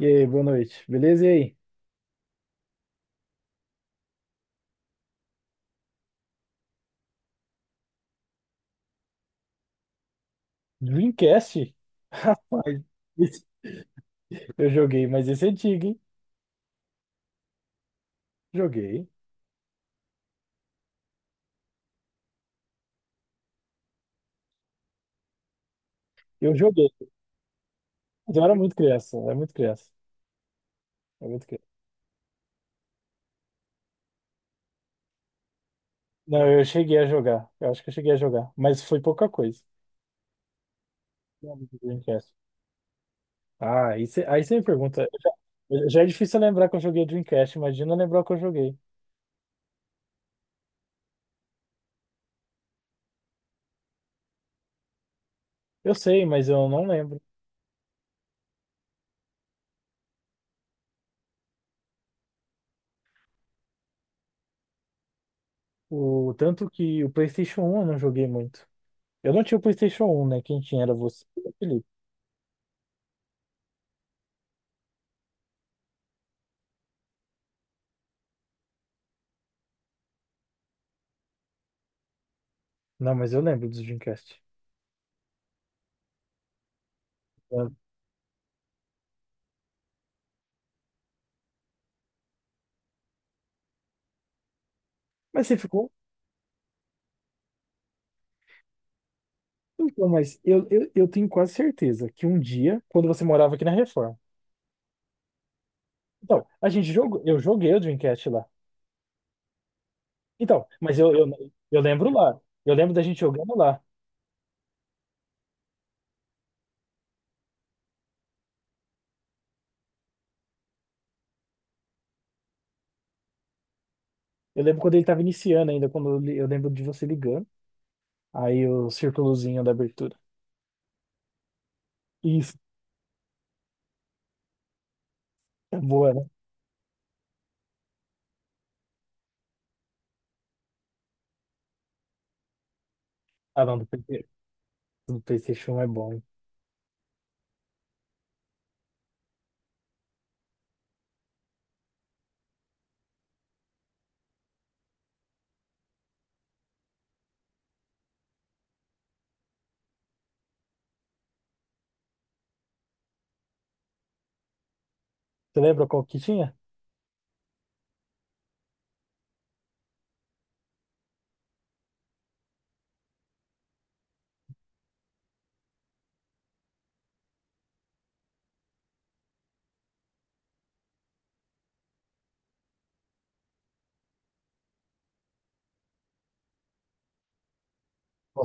E aí, boa noite. Beleza? E aí? Dreamcast? Rapaz, esse- eu joguei, mas esse é antigo, hein? Joguei. Eu joguei. Mas eu era muito criança, eu era muito criança. eu era muito criança. Não, eu cheguei a jogar. Eu acho que eu cheguei a jogar, mas foi pouca coisa. Não, do Dreamcast. Ah, aí cê me pergunta. Já é difícil lembrar que eu joguei Dreamcast, imagina lembrar o que eu joguei. Eu sei, mas eu não lembro. O tanto que o PlayStation 1 eu não joguei muito. Eu não tinha o PlayStation 1, né? Quem tinha era você, e o Felipe. Não, mas eu lembro do Dreamcast. Lembro. Mas você ficou? Então, mas eu tenho quase certeza que um dia, quando você morava aqui na Reforma. Então, a gente jogou, eu joguei o Dreamcast lá. Então, mas eu lembro lá. Eu lembro da gente jogando lá. Eu lembro quando ele estava iniciando ainda, eu lembro de você ligando. Aí o círculozinho da abertura. Isso, é boa, né? Ah, não, do PlayStation 1 é bom, hein? Você lembra qual que tinha? Ó,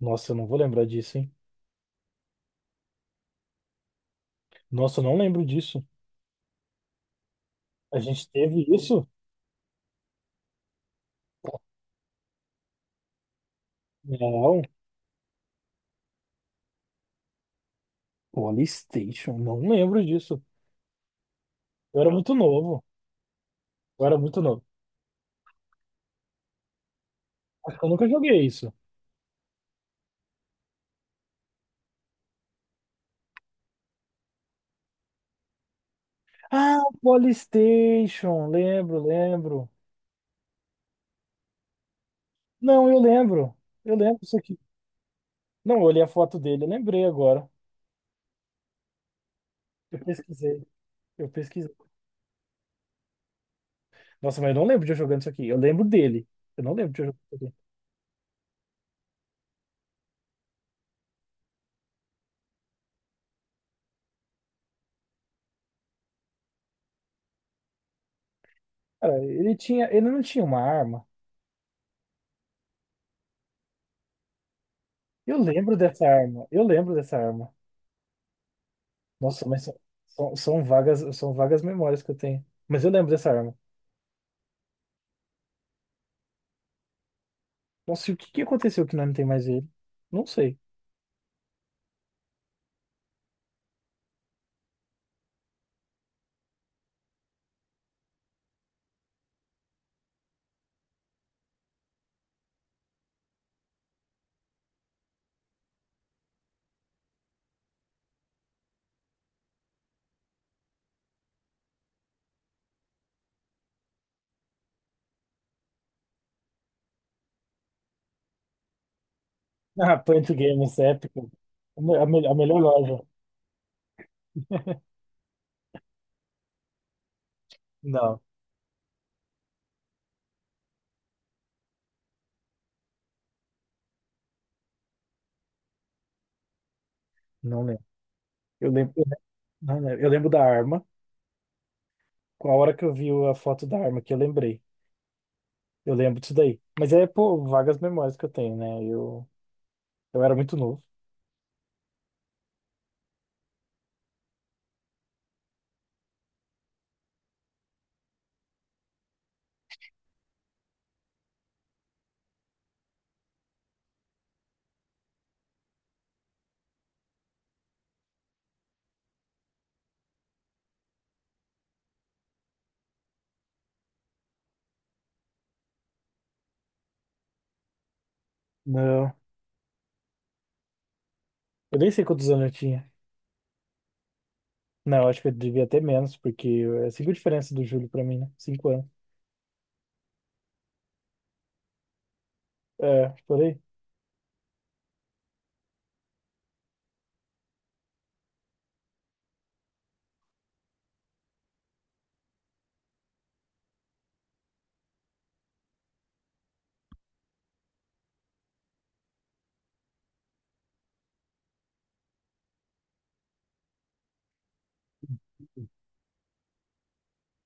nossa, eu não vou lembrar disso, hein? Nossa, eu não lembro disso. A gente teve isso? Não. PlayStation, não lembro disso. Eu era muito novo. Eu era muito novo. Acho que eu nunca joguei isso. Ah, PlayStation, lembro, lembro. Não, eu lembro. Eu lembro isso aqui. Não, eu olhei a foto dele, eu lembrei agora. Eu pesquisei. Eu pesquisei. Nossa, mas eu não lembro de eu jogando isso aqui. Eu lembro dele. Eu não lembro de eu jogando isso aqui. Cara, ele tinha, ele não tinha uma arma. Eu lembro dessa arma. Eu lembro dessa arma. Nossa, mas são vagas, são vagas memórias que eu tenho. Mas eu lembro dessa arma. Nossa, e o que que aconteceu que nós não tem mais ele? Não sei. Ah, Punch Games, épico. A melhor loja. Não, não lembro. Eu lembro, eu lembro não lembro. Eu lembro da arma. Com a hora que eu vi a foto da arma que eu lembrei. Eu lembro disso daí. Mas é, pô, vagas memórias que eu tenho, né? Eu era muito novo. Não. Eu nem sei quantos anos eu tinha. Não, eu acho que eu devia ter menos, porque é cinco diferença do Júlio pra mim, né? 5 anos. É, por aí.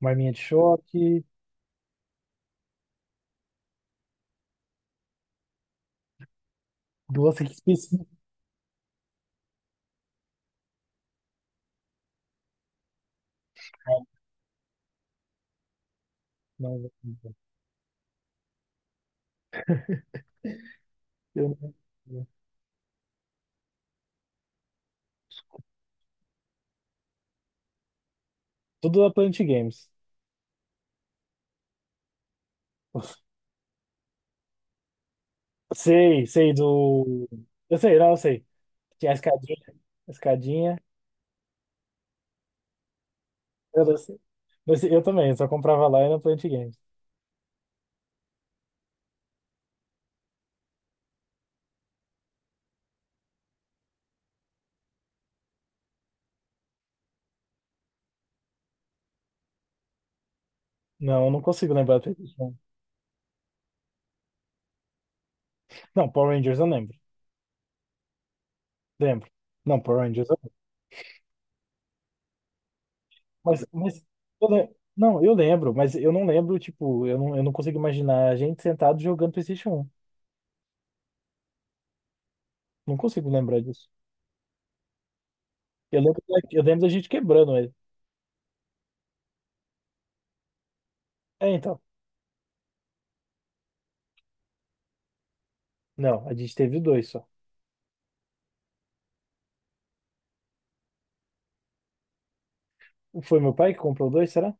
Marminha de choque, duas específicas. Não, não. Eu não- Tudo da Plant Games. Sei, sei do. Eu sei, não, eu sei. Tinha a escadinha. A Escadinha. Eu, não sei. Mas eu também, eu só comprava lá e na Plant Games. Não, eu não consigo lembrar do PlayStation. Não, Power Rangers eu lembro. Lembro. Não, Power Rangers eu lembro. Mas eu le- não, eu lembro, mas eu não lembro, tipo, eu não consigo imaginar a gente sentado jogando PlayStation 1. Não consigo lembrar disso. Eu lembro da gente quebrando ele. É, então. Não, a gente teve dois só. Foi meu pai que comprou dois, será?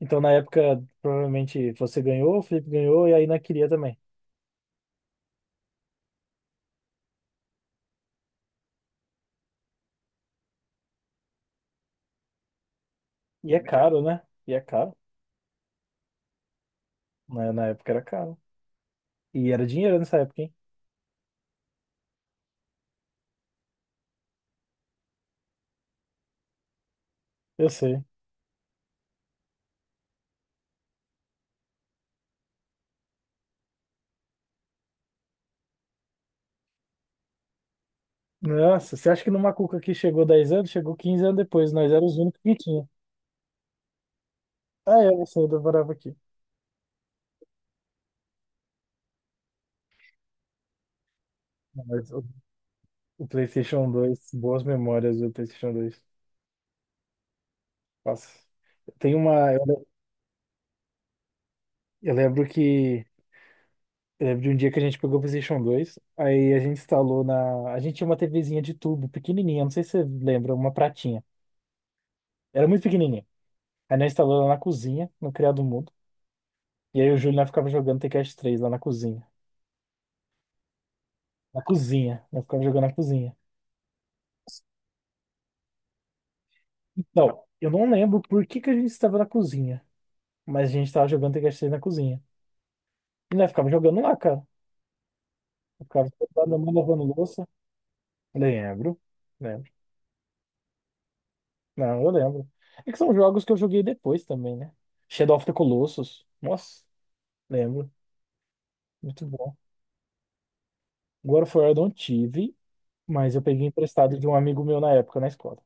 Então, na época, provavelmente você ganhou, o Felipe ganhou e a Ina queria também. E é caro, né? E é caro. Na época era caro. E era dinheiro nessa época, hein? Eu sei. Nossa, você acha que no Macuca que chegou 10 anos, chegou 15 anos depois. Nós éramos os únicos que tinha. Ah, é, você ainda morava aqui. Mas o PlayStation 2 boas memórias do PlayStation 2. Nossa. Tem uma. Eu lembro que eu lembro de um dia que a gente pegou o PlayStation 2, aí a gente instalou na. A gente tinha uma TVzinha de tubo, pequenininha, não sei se você lembra, uma pratinha. Era muito pequenininha. Aí nós instalou lá na cozinha, no Criado Mudo. E aí o Júlio nós ficava jogando Tekken 3 lá na cozinha. Na cozinha, nós ficava jogando na cozinha. Então, eu não lembro por que que a gente estava na cozinha, mas a gente estava jogando Tekken 3 na cozinha. E nós ficava jogando lá, cara. Eu ficava jogando, lavando louça. Lembro. Lembro. Não, eu lembro. É que são jogos que eu joguei depois também, né? Shadow of the Colossus. Nossa, lembro. Muito bom. God of War eu não tive, mas eu peguei emprestado de um amigo meu na época na escola.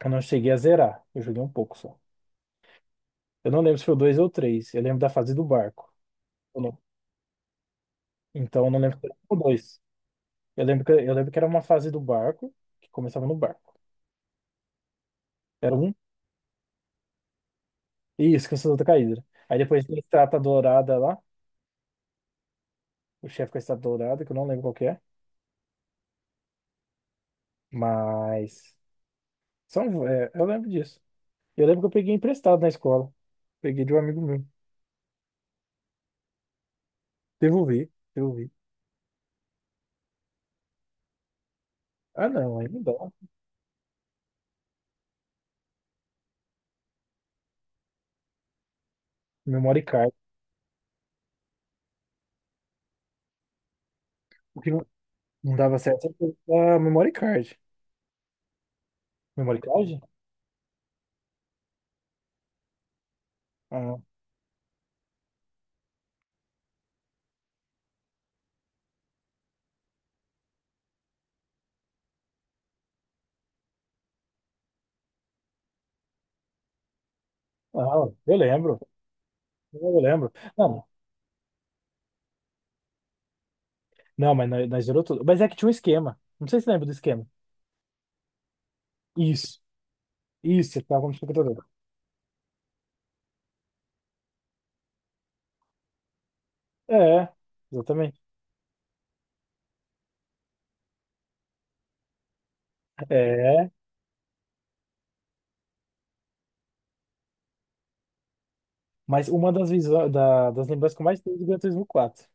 Eu não cheguei a zerar. Eu joguei um pouco só. Eu não lembro se foi o 2 ou o 3. Eu lembro da fase do barco. Eu não- Então eu não lembro se era o 2. Eu lembro que era uma fase do barco, que começava no barco. Era um. Isso, Caçador da Caída. Aí depois tem a Estátua Dourada lá. O chefe com a Estátua Dourada, que eu não lembro qual que é. Mas. São, é, eu lembro disso. Eu lembro que eu peguei emprestado na escola. Peguei de um amigo meu. Devolvi, devolvi. Ah, não, aí não dá. Memory card. O que não dava certo era a memory card. Memory card? Ah, eu lembro. Eu lembro. Não, não, mas nós zerou tudo. Mas é que tinha um esquema. Não sei se lembra do esquema. Isso, isso, você tava no computador. É, exatamente. É, mas uma das, visões, das lembranças que eu mais tenho é do Gran Turismo 4.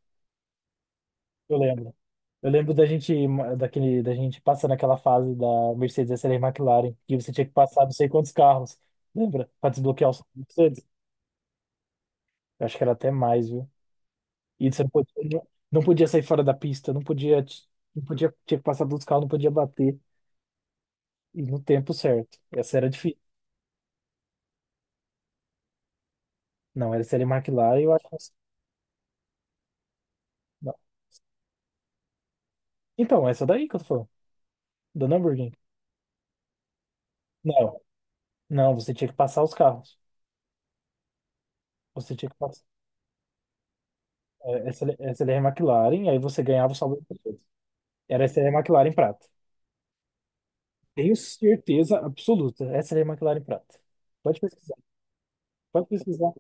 Eu lembro. Eu lembro da gente passar naquela fase da Mercedes SL McLaren, que você tinha que passar não sei quantos carros, lembra? Para desbloquear os Mercedes. Eu acho que era até mais, viu? E você não podia sair fora da pista, não podia, tinha que passar dos carros, não podia bater e no tempo certo. Essa era difícil. Não, era SL McLaren, eu acho. Não. Então, é essa daí que eu tô falando, da Nürburgring. Não, não, você tinha que passar os carros. Você tinha que passar é, SL McLaren, aí você ganhava o saldo. Era essa aí, a McLaren prata. Tenho certeza absoluta. Essa é a McLaren prata. Pode pesquisar. Pode pesquisar.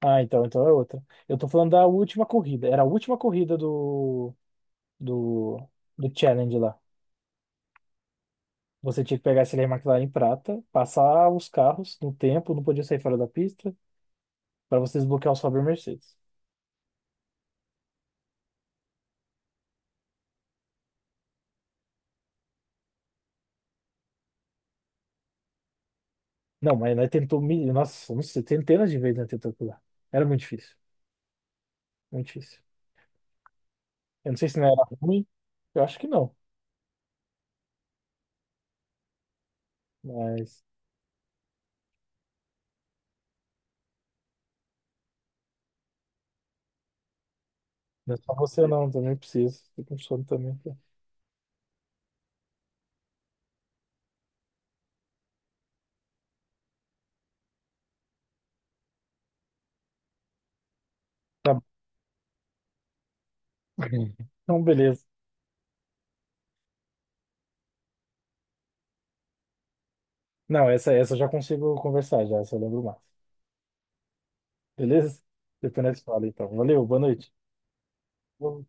Ah, então é outra. Eu tô falando da última corrida. Era a última corrida do, do Challenge lá. Você tinha que pegar essa aí, a McLaren prata, passar os carros no tempo, não podia sair fora da pista, para você desbloquear o Sauber Mercedes. Não, mas nós tentou, nossa, não sei, centenas de vezes nós tentou pular. Era muito difícil, muito difícil. Eu não sei se não era ruim, eu acho que não, mas não é só você não, também preciso. Tô com sono também, tá? Tá bom. Então, beleza. Não, essa eu já consigo conversar já, essa eu lembro mais. Beleza? Depois nós fala então. Valeu, boa noite. Boa